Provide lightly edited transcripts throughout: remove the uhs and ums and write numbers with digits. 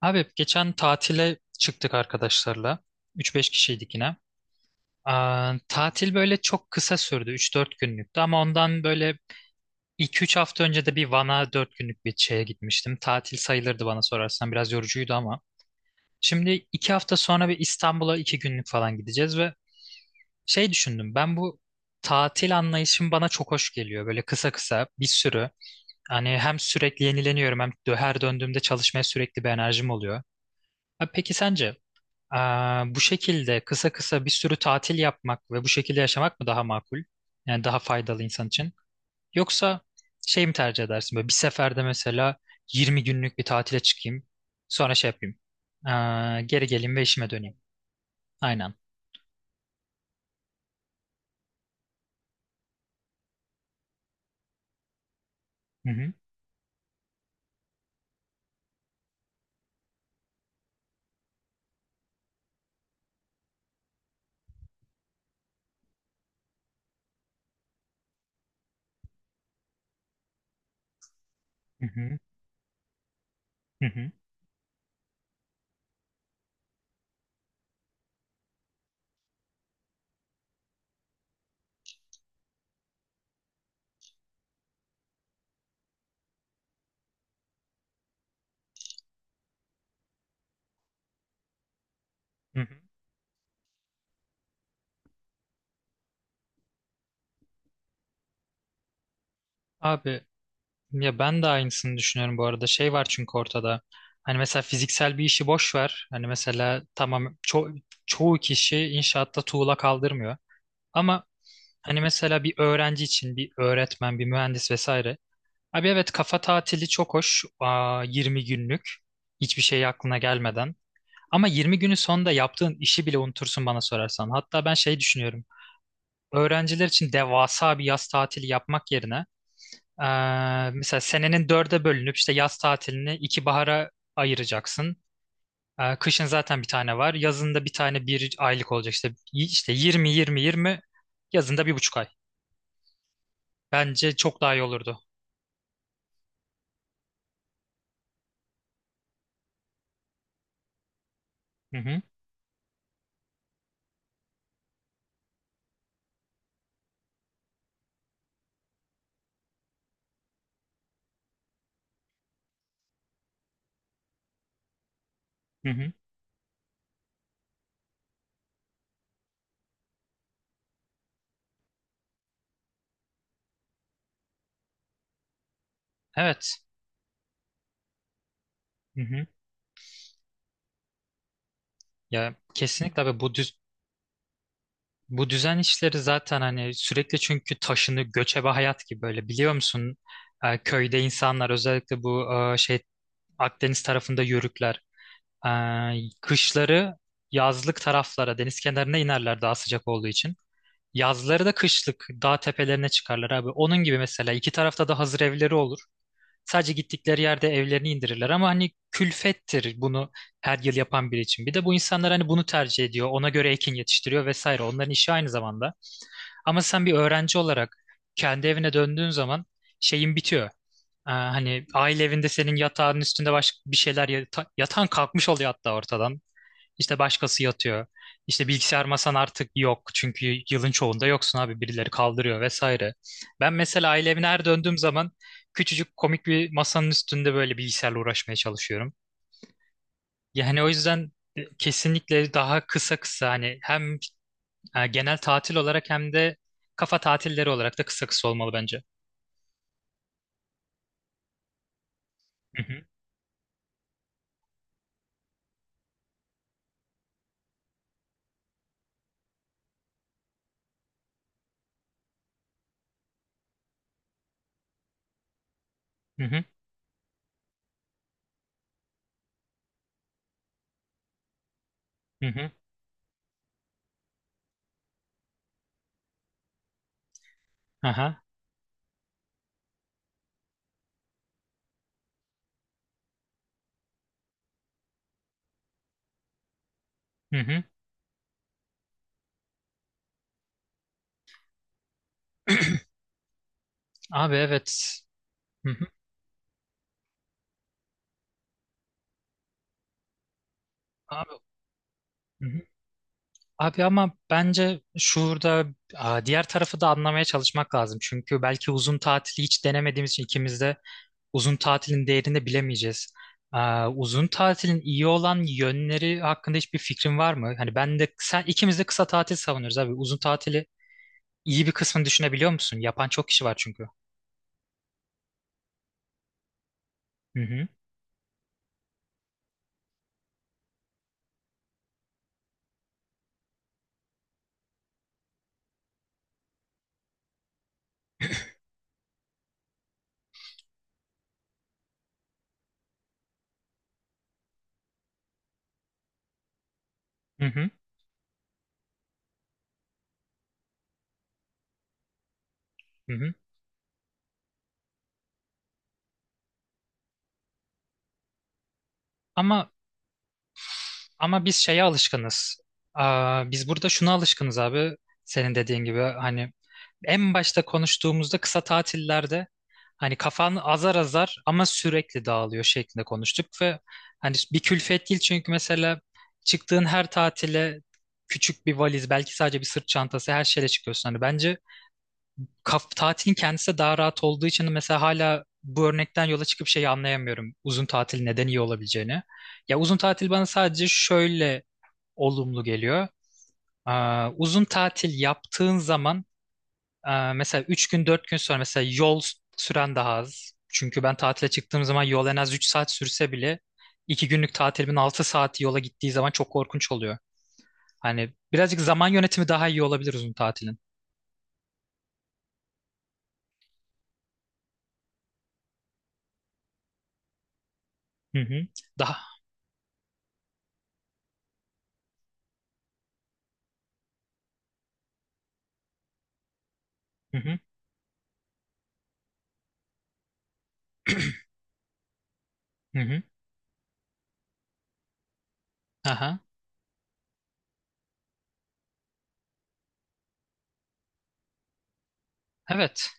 Abi geçen tatile çıktık arkadaşlarla. Üç beş kişiydik yine. Tatil böyle çok kısa sürdü. Üç dört günlüktü ama ondan böyle iki üç hafta önce de bir Van'a 4 günlük bir şeye gitmiştim. Tatil sayılırdı bana sorarsan. Biraz yorucuydu ama. Şimdi 2 hafta sonra bir İstanbul'a 2 günlük falan gideceğiz ve şey düşündüm. Ben bu tatil anlayışım bana çok hoş geliyor. Böyle kısa kısa bir sürü. Hani hem sürekli yenileniyorum hem her döndüğümde çalışmaya sürekli bir enerjim oluyor. Abi peki sence? Bu şekilde kısa kısa bir sürü tatil yapmak ve bu şekilde yaşamak mı daha makul? Yani daha faydalı insan için. Yoksa şey mi tercih edersin? Böyle bir seferde mesela 20 günlük bir tatile çıkayım. Sonra şey yapayım. Geri geleyim ve işime döneyim. Aynen. Hı hı, hı hı, hı hı, hı hı. Abi ya ben de aynısını düşünüyorum bu arada. Şey var çünkü ortada. Hani mesela fiziksel bir işi boş ver. Hani mesela tamam çoğu kişi inşaatta tuğla kaldırmıyor. Ama hani mesela bir öğrenci için bir öğretmen, bir mühendis vesaire. Abi evet, kafa tatili çok hoş. 20 günlük. Hiçbir şey aklına gelmeden. Ama 20 günün sonunda yaptığın işi bile unutursun bana sorarsan. Hatta ben şey düşünüyorum. Öğrenciler için devasa bir yaz tatili yapmak yerine mesela senenin dörde bölünüp işte yaz tatilini iki bahara ayıracaksın. Kışın zaten bir tane var. Yazın da bir tane bir aylık olacak. İşte 20-20-20 yazında bir buçuk ay. Bence çok daha iyi olurdu. Hı hı, hı hı. Evet. Hı hı. Ya kesinlikle abi, bu bu düzen işleri zaten hani sürekli çünkü taşını göçebe hayat gibi böyle, biliyor musun? Köyde insanlar özellikle bu şey Akdeniz tarafında yörükler, e, kışları yazlık taraflara deniz kenarına inerler daha sıcak olduğu için. Yazları da kışlık dağ tepelerine çıkarlar abi. Onun gibi mesela iki tarafta da hazır evleri olur. Sadece gittikleri yerde evlerini indirirler ama hani külfettir bunu her yıl yapan biri için. Bir de bu insanlar hani bunu tercih ediyor. Ona göre ekin yetiştiriyor vesaire. Onların işi aynı zamanda. Ama sen bir öğrenci olarak kendi evine döndüğün zaman şeyin bitiyor. Hani aile evinde senin yatağın üstünde başka bir şeyler yatan kalkmış oluyor hatta ortadan. İşte başkası yatıyor. İşte bilgisayar masan artık yok. Çünkü yılın çoğunda yoksun abi. Birileri kaldırıyor vesaire. Ben mesela aile evine her döndüğüm zaman küçücük komik bir masanın üstünde böyle bilgisayarla uğraşmaya çalışıyorum. Yani o yüzden kesinlikle daha kısa kısa hani hem genel tatil olarak hem de kafa tatilleri olarak da kısa kısa olmalı bence. Hı hı, hı hı, hı hı. Aha. Hı hı. Abi evet. Hı hı. Abi. Hı hı. Abi ama bence şurada, diğer tarafı da anlamaya çalışmak lazım. Çünkü belki uzun tatili hiç denemediğimiz için ikimiz de uzun tatilin değerini bilemeyeceğiz. Uzun tatilin iyi olan yönleri hakkında hiçbir fikrin var mı? Hani ben de sen, ikimiz de kısa tatil savunuyoruz abi. Uzun tatili iyi bir kısmını düşünebiliyor musun? Yapan çok kişi var çünkü. Hı hı, hı hı, hı hı. Ama Ama biz şeye alışkınız. Biz burada şuna alışkınız abi. Senin dediğin gibi hani en başta konuştuğumuzda kısa tatillerde hani kafan azar azar ama sürekli dağılıyor şeklinde konuştuk ve hani bir külfet değil çünkü mesela çıktığın her tatile küçük bir valiz belki sadece bir sırt çantası her şeyle çıkıyorsun. Hani bence kaf tatilin kendisi de daha rahat olduğu için mesela hala bu örnekten yola çıkıp şeyi anlayamıyorum. Uzun tatil neden iyi olabileceğini. Ya uzun tatil bana sadece şöyle olumlu geliyor. Uzun tatil yaptığın zaman mesela 3 gün 4 gün sonra mesela yol süren daha az. Çünkü ben tatile çıktığım zaman yol en az 3 saat sürse bile 2 günlük tatilimin 6 saati yola gittiği zaman çok korkunç oluyor. Hani birazcık zaman yönetimi daha iyi olabilir uzun tatilin. Hı hı. Daha. Hı hı. Hı hı. Aha. Evet.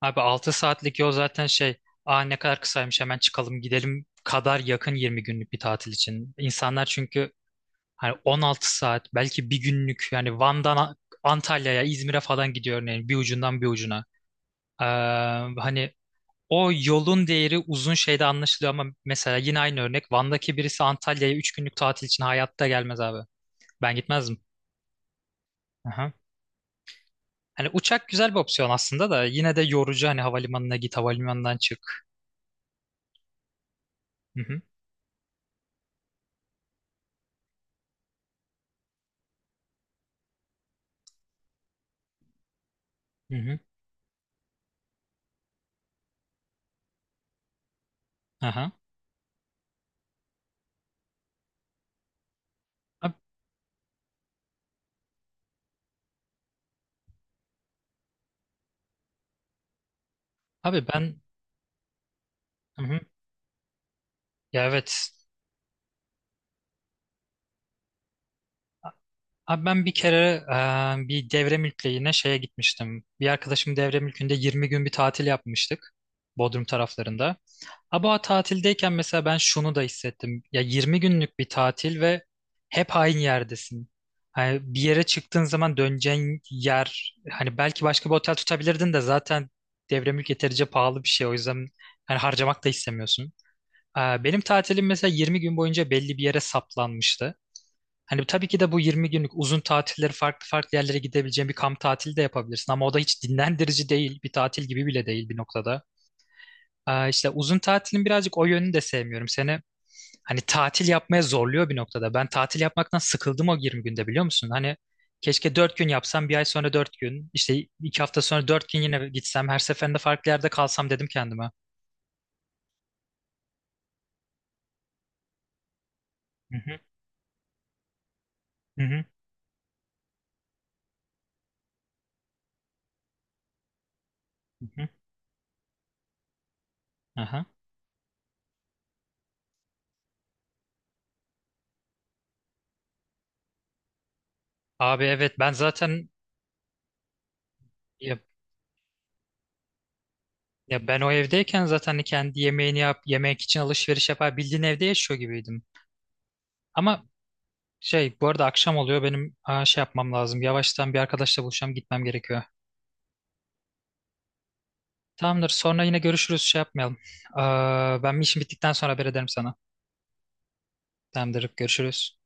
Abi 6 saatlik yol zaten şey. Ne kadar kısaymış, hemen çıkalım gidelim kadar yakın 20 günlük bir tatil için. İnsanlar çünkü hani 16 saat belki bir günlük, yani Van'dan Antalya'ya, İzmir'e falan gidiyor örneğin bir ucundan bir ucuna. Ee, Hani o yolun değeri uzun şeyde anlaşılıyor ama mesela yine aynı örnek Van'daki birisi Antalya'ya 3 günlük tatil için hayatta gelmez abi. Ben gitmezdim. Aha. Hani uçak güzel bir opsiyon aslında da yine de yorucu, hani havalimanına git, havalimanından çık. Hı hı. Hı hı. Aha. Ab- Abi ben, hı hı. Ya evet. Abi ben bir kere bir devre mülkle yine şeye gitmiştim. Bir arkadaşım devre mülkünde 20 gün bir tatil yapmıştık. Bodrum taraflarında. Ama o tatildeyken mesela ben şunu da hissettim. Ya 20 günlük bir tatil ve hep aynı yerdesin. Hani bir yere çıktığın zaman döneceğin yer, hani belki başka bir otel tutabilirdin de zaten devre mülk yeterince pahalı bir şey. O yüzden hani harcamak da istemiyorsun. Benim tatilim mesela 20 gün boyunca belli bir yere saplanmıştı. Hani tabii ki de bu 20 günlük uzun tatilleri farklı farklı yerlere gidebileceğin bir kamp tatili de yapabilirsin ama o da hiç dinlendirici değil. Bir tatil gibi bile değil bir noktada. İşte uzun tatilin birazcık o yönünü de sevmiyorum. Seni hani tatil yapmaya zorluyor bir noktada. Ben tatil yapmaktan sıkıldım o 20 günde, biliyor musun? Hani keşke 4 gün yapsam, bir ay sonra 4 gün, işte 2 hafta sonra 4 gün yine gitsem, her seferinde farklı yerde kalsam dedim kendime. Hı hı, hı hı, hı hı. Aha. Abi evet ben zaten ya. Ya ben o evdeyken zaten hani kendi yemeğini yap, yemek için alışveriş yapar, bildiğin evde yaşıyor gibiydim. Ama şey bu arada akşam oluyor, benim şey yapmam lazım. Yavaştan bir arkadaşla buluşacağım, gitmem gerekiyor. Tamamdır, sonra yine görüşürüz, şey yapmayalım. Ben işim bittikten sonra haber ederim sana. Tamamdır, görüşürüz.